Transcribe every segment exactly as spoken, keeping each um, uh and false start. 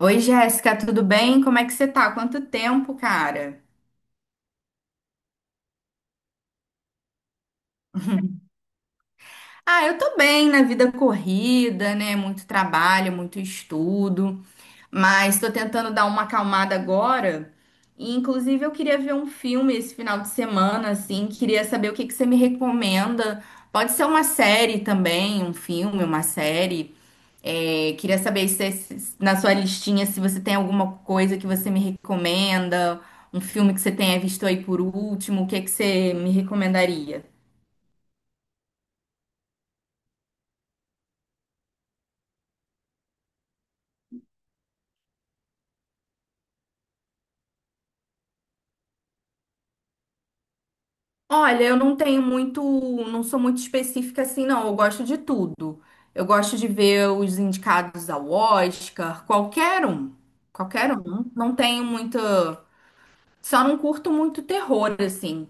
Oi, Jéssica, tudo bem? Como é que você tá? Quanto tempo, cara? Ah, eu tô bem na vida corrida, né? Muito trabalho, muito estudo. Mas estou tentando dar uma acalmada agora. E, inclusive, eu queria ver um filme esse final de semana, assim. Queria saber o que que você me recomenda. Pode ser uma série também, um filme, uma série. É, queria saber se, se- na sua listinha se você tem alguma coisa que você me recomenda, um filme que você tenha visto aí por último, o que que você me recomendaria? Olha, eu não tenho muito, não sou muito específica assim, não. Eu gosto de tudo. Eu gosto de ver os indicados ao Oscar, qualquer um, qualquer um. Não tenho muita, só não curto muito terror assim.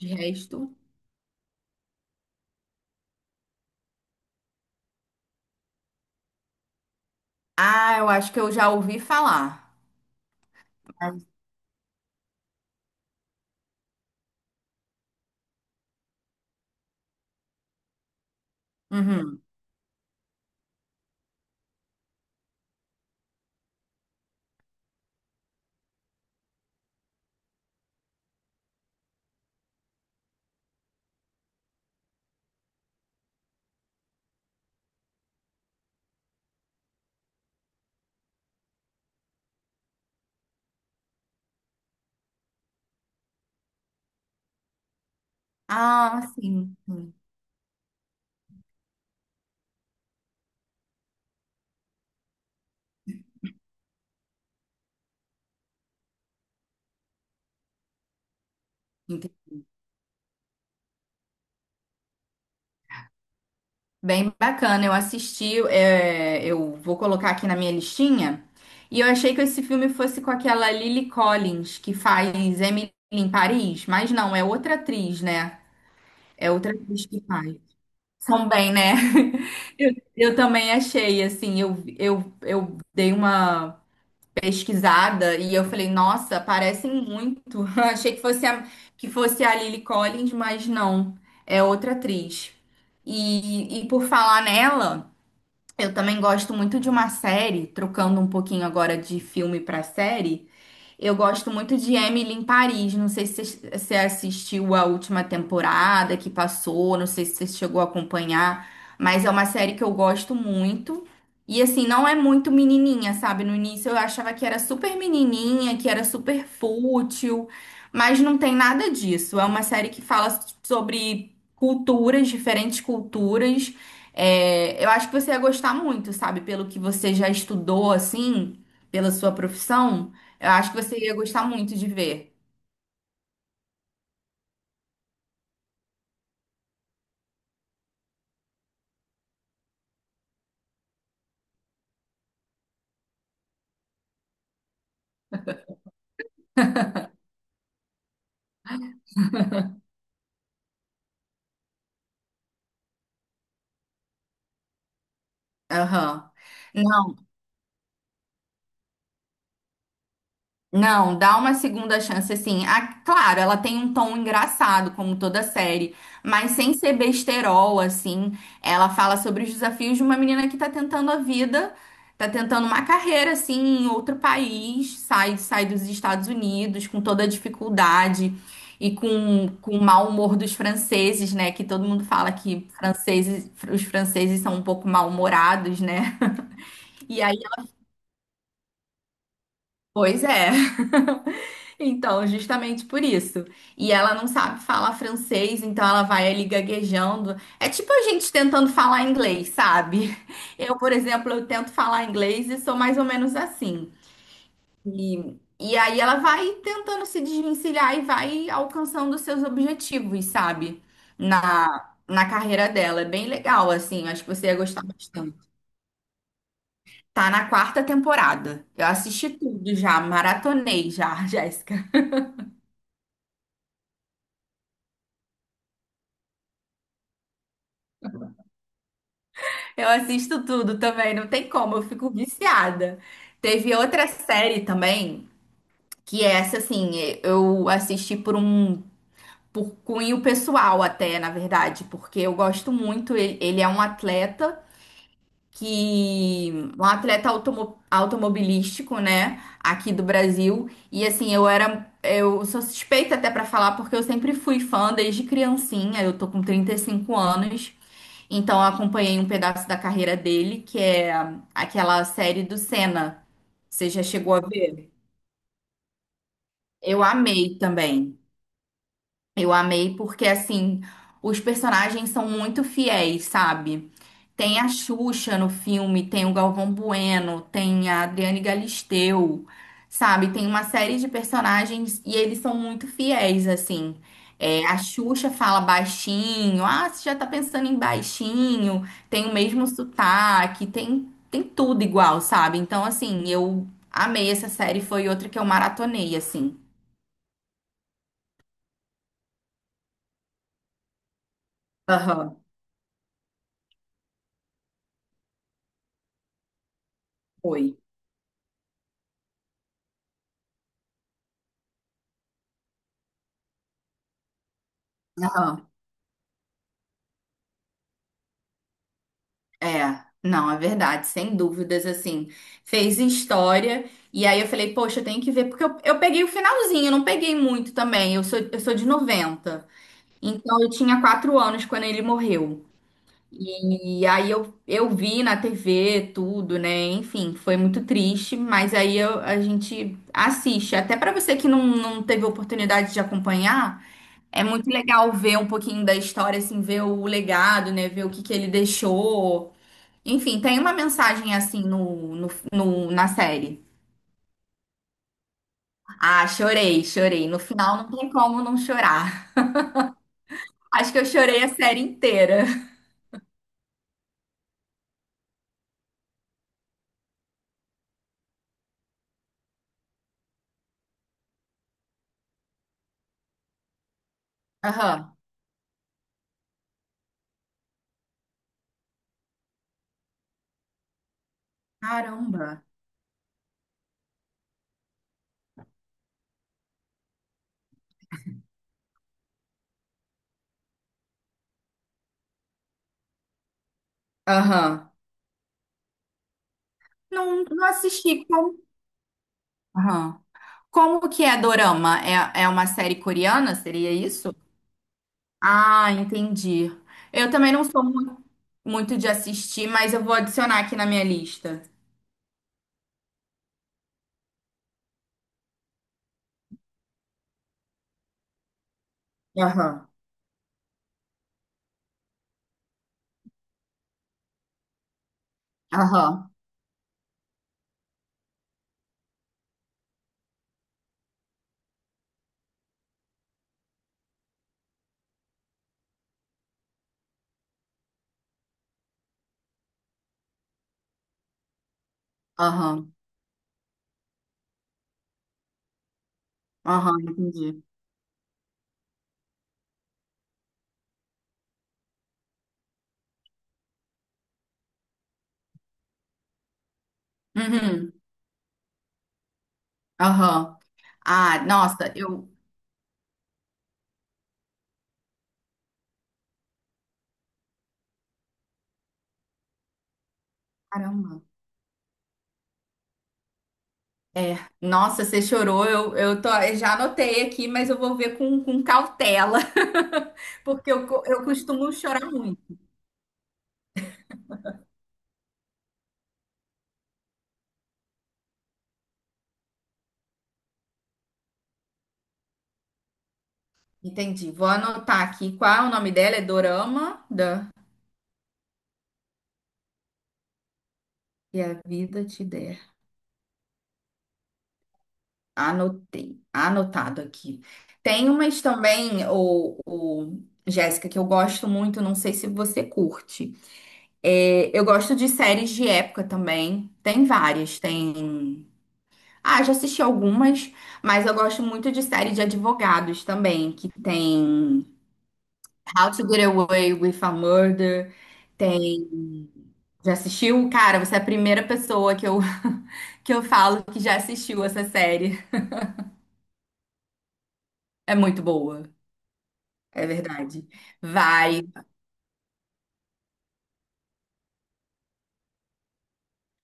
De resto, ah, eu acho que eu já ouvi falar. Uhum. Ah, sim. Sim. Bem bacana, eu assisti, é, eu vou colocar aqui na minha listinha. E eu achei que esse filme fosse com aquela Lily Collins, que faz Emily em Paris, mas não, é outra atriz, né? É outra atriz que faz. São bem, né? Eu, eu também achei, assim, eu, eu, eu dei uma pesquisada e eu falei, nossa, parecem muito. Achei que fosse a, que fosse a Lily Collins, mas não, é outra atriz. E e por falar nela. Eu também gosto muito de uma série, trocando um pouquinho agora de filme para série. Eu gosto muito de Emily em Paris. Não sei se você você assistiu a última temporada que passou, não sei se você chegou a acompanhar, mas é uma série que eu gosto muito. E assim, não é muito menininha, sabe? No início eu achava que era super menininha, que era super fútil, mas não tem nada disso. É uma série que fala sobre culturas, diferentes culturas. É, eu acho que você ia gostar muito, sabe? Pelo que você já estudou, assim, pela sua profissão. Eu acho que você ia gostar muito de ver. Aham. Não, não, dá uma segunda chance assim. Ah, claro, ela tem um tom engraçado, como toda série, mas sem ser besterol, assim. Ela fala sobre os desafios de uma menina que tá tentando a vida, tá tentando uma carreira, assim, em outro país, sai, sai dos Estados Unidos com toda a dificuldade e com, com o mau humor dos franceses, né? Que todo mundo fala que franceses, os franceses são um pouco mal-humorados, né? E aí pois é. Então, justamente por isso. E ela não sabe falar francês, então ela vai ali gaguejando. É tipo a gente tentando falar inglês, sabe? Eu, por exemplo, eu tento falar inglês e sou mais ou menos assim. E, e aí ela vai tentando se desvencilhar e vai alcançando os seus objetivos, sabe? Na, na carreira dela. É bem legal, assim. Acho que você ia gostar bastante. Tá na quarta temporada. Eu assisti tudo já, maratonei já, Jéssica. Eu assisto tudo também, não tem como, eu fico viciada. Teve outra série também, que é essa, assim, eu assisti por um por cunho pessoal até, na verdade, porque eu gosto muito, ele, ele é um atleta que um atleta automo- automobilístico, né, aqui do Brasil. E assim, eu era eu sou suspeita até pra falar porque eu sempre fui fã desde criancinha. Eu tô com trinta e cinco anos. Então eu acompanhei um pedaço da carreira dele, que é aquela série do Senna. Você já chegou a ver? Eu amei também. Eu amei porque, assim, os personagens são muito fiéis, sabe? Tem a Xuxa no filme, tem o Galvão Bueno, tem a Adriane Galisteu, sabe? Tem uma série de personagens e eles são muito fiéis, assim. É, a Xuxa fala baixinho, ah, você já tá pensando em baixinho, tem o mesmo sotaque, tem, tem tudo igual, sabe? Então, assim, eu amei essa série, foi outra que eu maratonei, assim. Aham, foi. Aham. É, não, é verdade, sem dúvidas, assim, fez história, e aí eu falei, poxa, eu tenho que ver, porque eu, eu peguei o finalzinho, eu não peguei muito também, eu sou, eu sou de noventa. Então eu tinha quatro anos quando ele morreu, e aí eu, eu vi na T V tudo, né, enfim, foi muito triste, mas aí eu- a gente assiste, até pra você que não, não teve oportunidade de acompanhar, é muito legal ver um pouquinho da história, assim, ver o legado, né, ver o que que ele deixou, enfim, tem uma mensagem assim no, no, no- na série. Ah, chorei, chorei. No final não tem como não chorar. Acho que eu chorei a série inteira. Aham. Caramba. Aham. Não, não assisti como. Aham. Como que é Dorama? É, é uma série coreana? Seria isso? Ah, entendi. Eu também não sou mu- muito de assistir, mas eu vou adicionar aqui na minha lista. Aham. Aham. Aham. Aham, entendi. Uhum. Aham. Ah, nossa, eu. Caramba. É, nossa, você chorou. Eu, eu tô, eu já anotei aqui, mas eu vou ver com, com cautela, porque eu, co- eu costumo chorar muito. Entendi. Vou anotar aqui qual é o nome dela. É Dorama da e a Vida Te Der. Anotei, anotado aqui. Tem umas também, o, o Jéssica, que eu gosto muito. Não sei se você curte. É, eu gosto de séries de época também. Tem várias. Tem. Ah, já assisti algumas, mas eu gosto muito de série de advogados também, que tem How to Get Away with a Murder, tem... Já assistiu? Cara, você é a primeira pessoa que eu, que eu falo que já assistiu essa série. É muito boa, é verdade. Vai.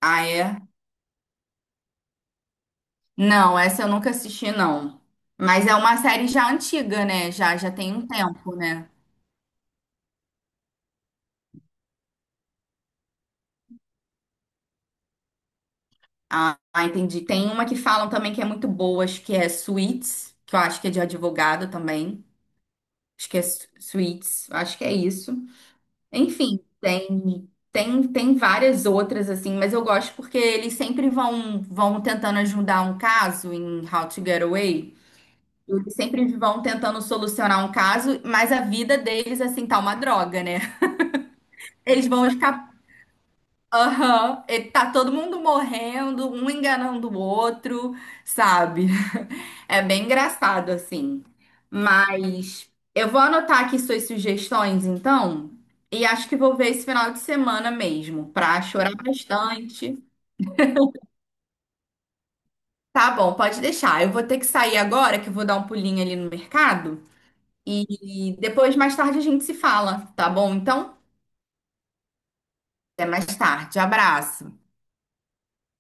Ah, é? Não, essa eu nunca assisti, não. Mas é uma série já antiga, né? Já, já tem um tempo, né? Ah, entendi. Tem uma que falam também que é muito boa, acho que é Suits, que eu acho que é de advogado também. Acho que é Su- Suits, acho que é isso. Enfim, tem tem tem várias outras assim, mas eu gosto porque eles sempre vão vão tentando ajudar um caso em How to Get Away. Eles sempre vão tentando solucionar um caso, mas a vida deles assim tá uma droga, né? Eles vão ficar aham, e tá todo mundo morrendo, um enganando o outro, sabe? É bem engraçado, assim. Mas eu vou anotar aqui suas sugestões, então. E acho que vou ver esse final de semana mesmo, pra chorar bastante. Tá bom, pode deixar. Eu vou ter que sair agora, que eu vou dar um pulinho ali no mercado. E depois, mais tarde, a gente se fala, tá bom? Então, até mais tarde. Abraço.